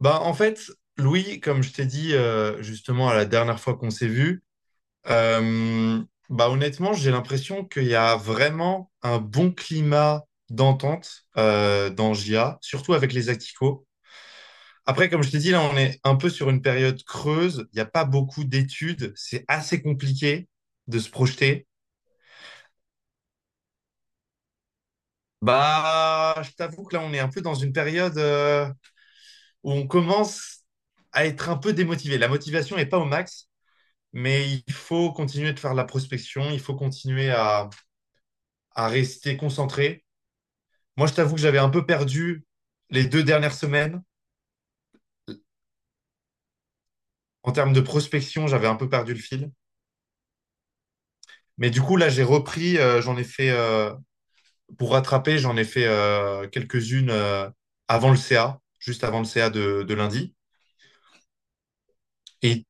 Bah, en fait, Louis, comme je t'ai dit justement à la dernière fois qu'on s'est vu, euh, bah, honnêtement, j'ai l'impression qu'il y a vraiment un bon climat d'entente dans JA, surtout avec les Acticos. Après, comme je t'ai dit, là, on est un peu sur une période creuse. Il n'y a pas beaucoup d'études. C'est assez compliqué de se projeter. Bah, je t'avoue que là, on est un peu dans une période où on commence à être un peu démotivé. La motivation n'est pas au max. Mais il faut continuer de faire de la prospection, il faut continuer à rester concentré. Moi, je t'avoue que j'avais un peu perdu les deux dernières semaines. En termes de prospection, j'avais un peu perdu le fil. Mais du coup, là, j'ai repris, j'en ai fait, pour rattraper, j'en ai fait quelques-unes avant le CA, juste avant le CA de lundi. Et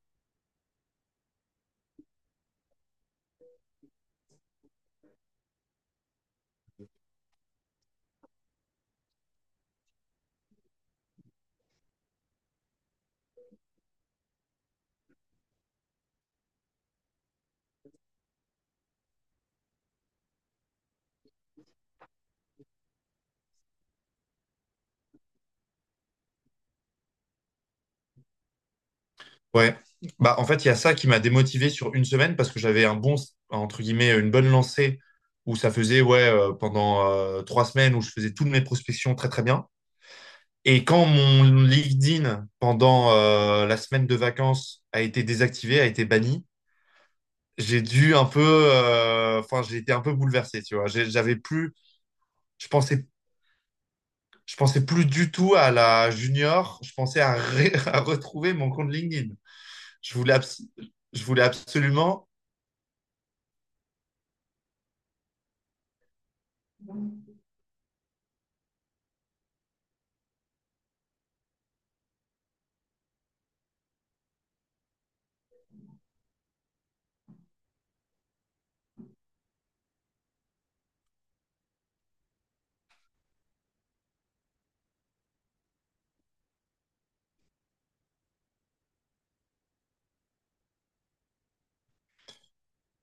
ouais. Bah, en fait, il y a ça qui m'a démotivé sur une semaine parce que j'avais un bon, entre guillemets, une bonne lancée où ça faisait, ouais, pendant trois semaines où je faisais toutes mes prospections très, très bien. Et quand mon LinkedIn pendant la semaine de vacances a été désactivé, a été banni, j'ai dû un peu, enfin, j'ai été un peu bouleversé, tu vois. J'avais plus, je pensais, je pensais plus du tout à la junior. Je pensais à retrouver mon compte LinkedIn. Je voulais, abs- je voulais absolument.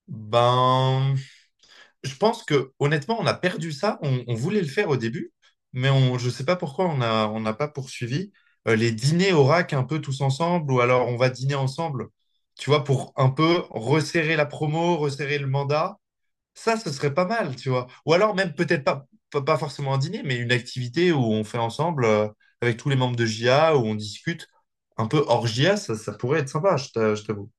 Ben, je pense que honnêtement, on a perdu ça. On voulait le faire au début, mais je sais pas pourquoi on n'a pas poursuivi. Les dîners au rack un peu tous ensemble, ou alors on va dîner ensemble, tu vois, pour un peu resserrer la promo, resserrer le mandat. Ça, ce serait pas mal, tu vois. Ou alors même peut-être pas forcément un dîner, mais une activité où on fait ensemble avec tous les membres de JA, où on discute un peu hors JA, ça pourrait être sympa, je t'avoue.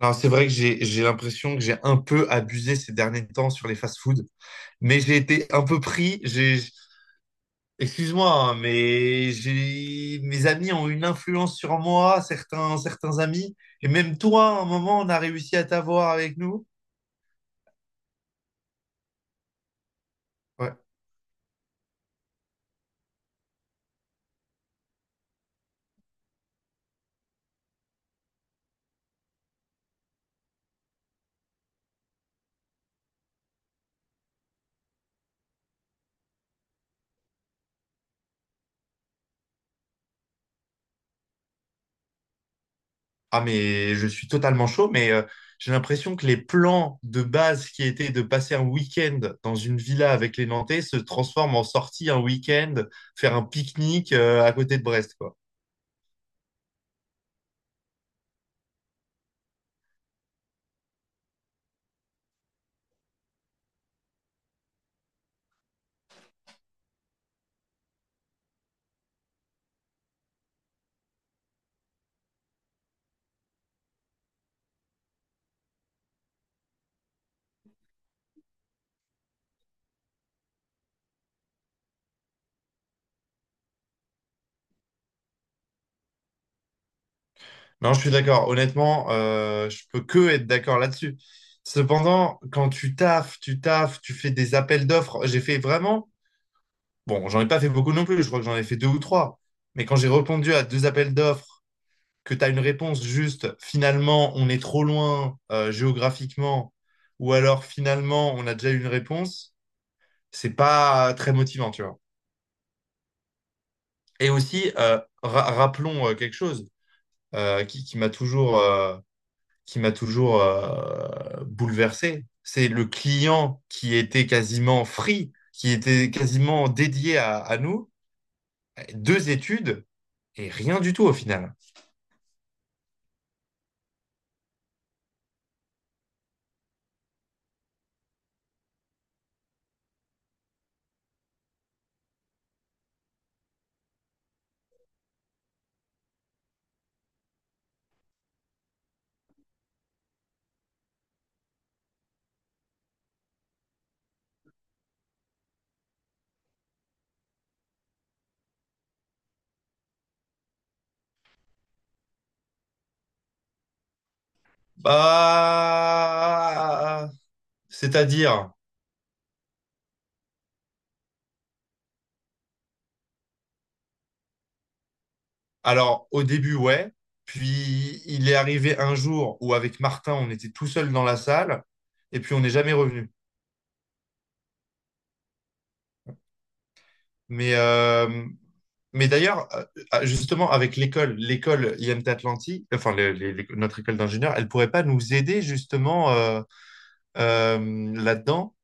Alors, c'est vrai que j'ai l'impression que j'ai un peu abusé ces derniers temps sur les fast-foods, mais j'ai été un peu pris. Excuse-moi, hein, mais j'ai mes amis ont une influence sur moi, certains amis, et même toi, à un moment, on a réussi à t'avoir avec nous. Ouais. Ah, mais je suis totalement chaud, mais j'ai l'impression que les plans de base qui étaient de passer un week-end dans une villa avec les Nantais se transforment en sortie un week-end, faire un pique-nique à côté de Brest, quoi. Non, je suis d'accord. Honnêtement, je peux que être d'accord là-dessus. Cependant, quand tu taffes, tu taffes, tu fais des appels d'offres, j'ai fait vraiment, bon, j'en ai pas fait beaucoup non plus, je crois que j'en ai fait deux ou trois, mais quand j'ai répondu à deux appels d'offres, que tu as une réponse juste, finalement, on est trop loin géographiquement, ou alors finalement, on a déjà eu une réponse, c'est pas très motivant, tu vois. Et aussi, rappelons quelque chose euh, qui, qui m'a toujours, euh, qui m'a toujours bouleversé. C'est le client qui était quasiment free, qui était quasiment dédié à nous. Deux études et rien du tout au final. Bah, c'est-à-dire, alors au début, ouais. Puis il est arrivé un jour où avec Martin, on était tout seul dans la salle et puis on n'est jamais revenu. Mais euh, Mais d'ailleurs, justement, avec l'école IMT Atlantique, enfin notre école d'ingénieur, elle pourrait pas nous aider justement là-dedans.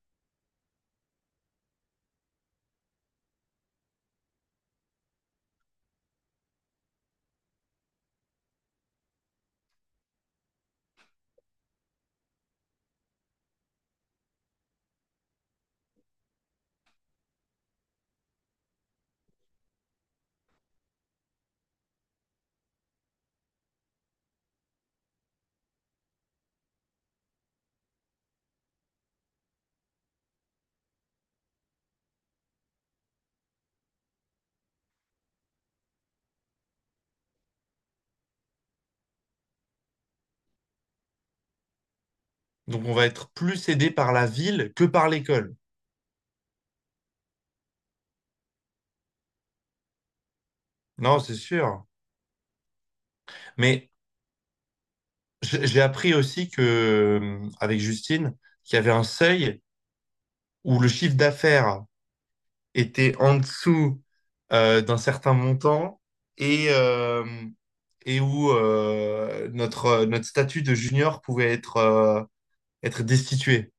Donc on va être plus aidé par la ville que par l'école. Non, c'est sûr. Mais j'ai appris aussi que avec Justine, qu'il y avait un seuil où le chiffre d'affaires était en dessous d'un certain montant et euh, et où notre statut de junior pouvait être destitué.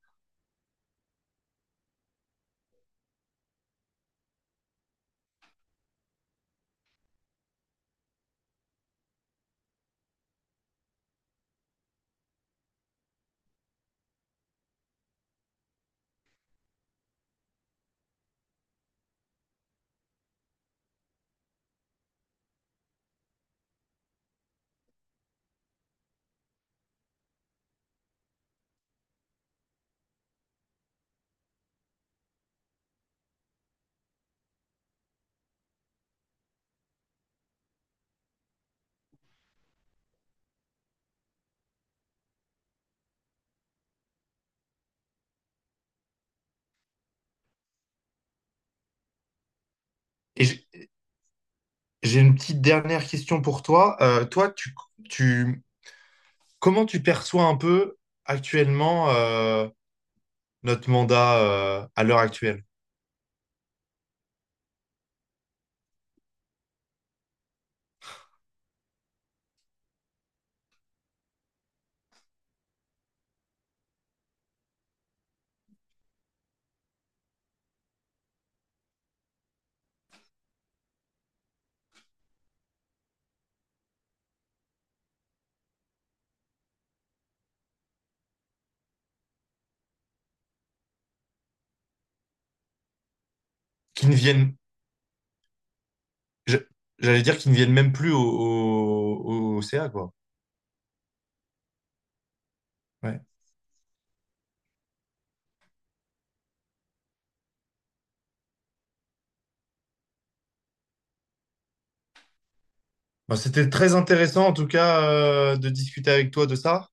Et j'ai une petite dernière question pour toi. Tu, comment tu perçois un peu actuellement notre mandat à l'heure actuelle? Qui ne viennent, je- j'allais dire qu'ils ne viennent même plus au CA, quoi. Ouais. Bon, c'était très intéressant, en tout cas, de discuter avec toi de ça.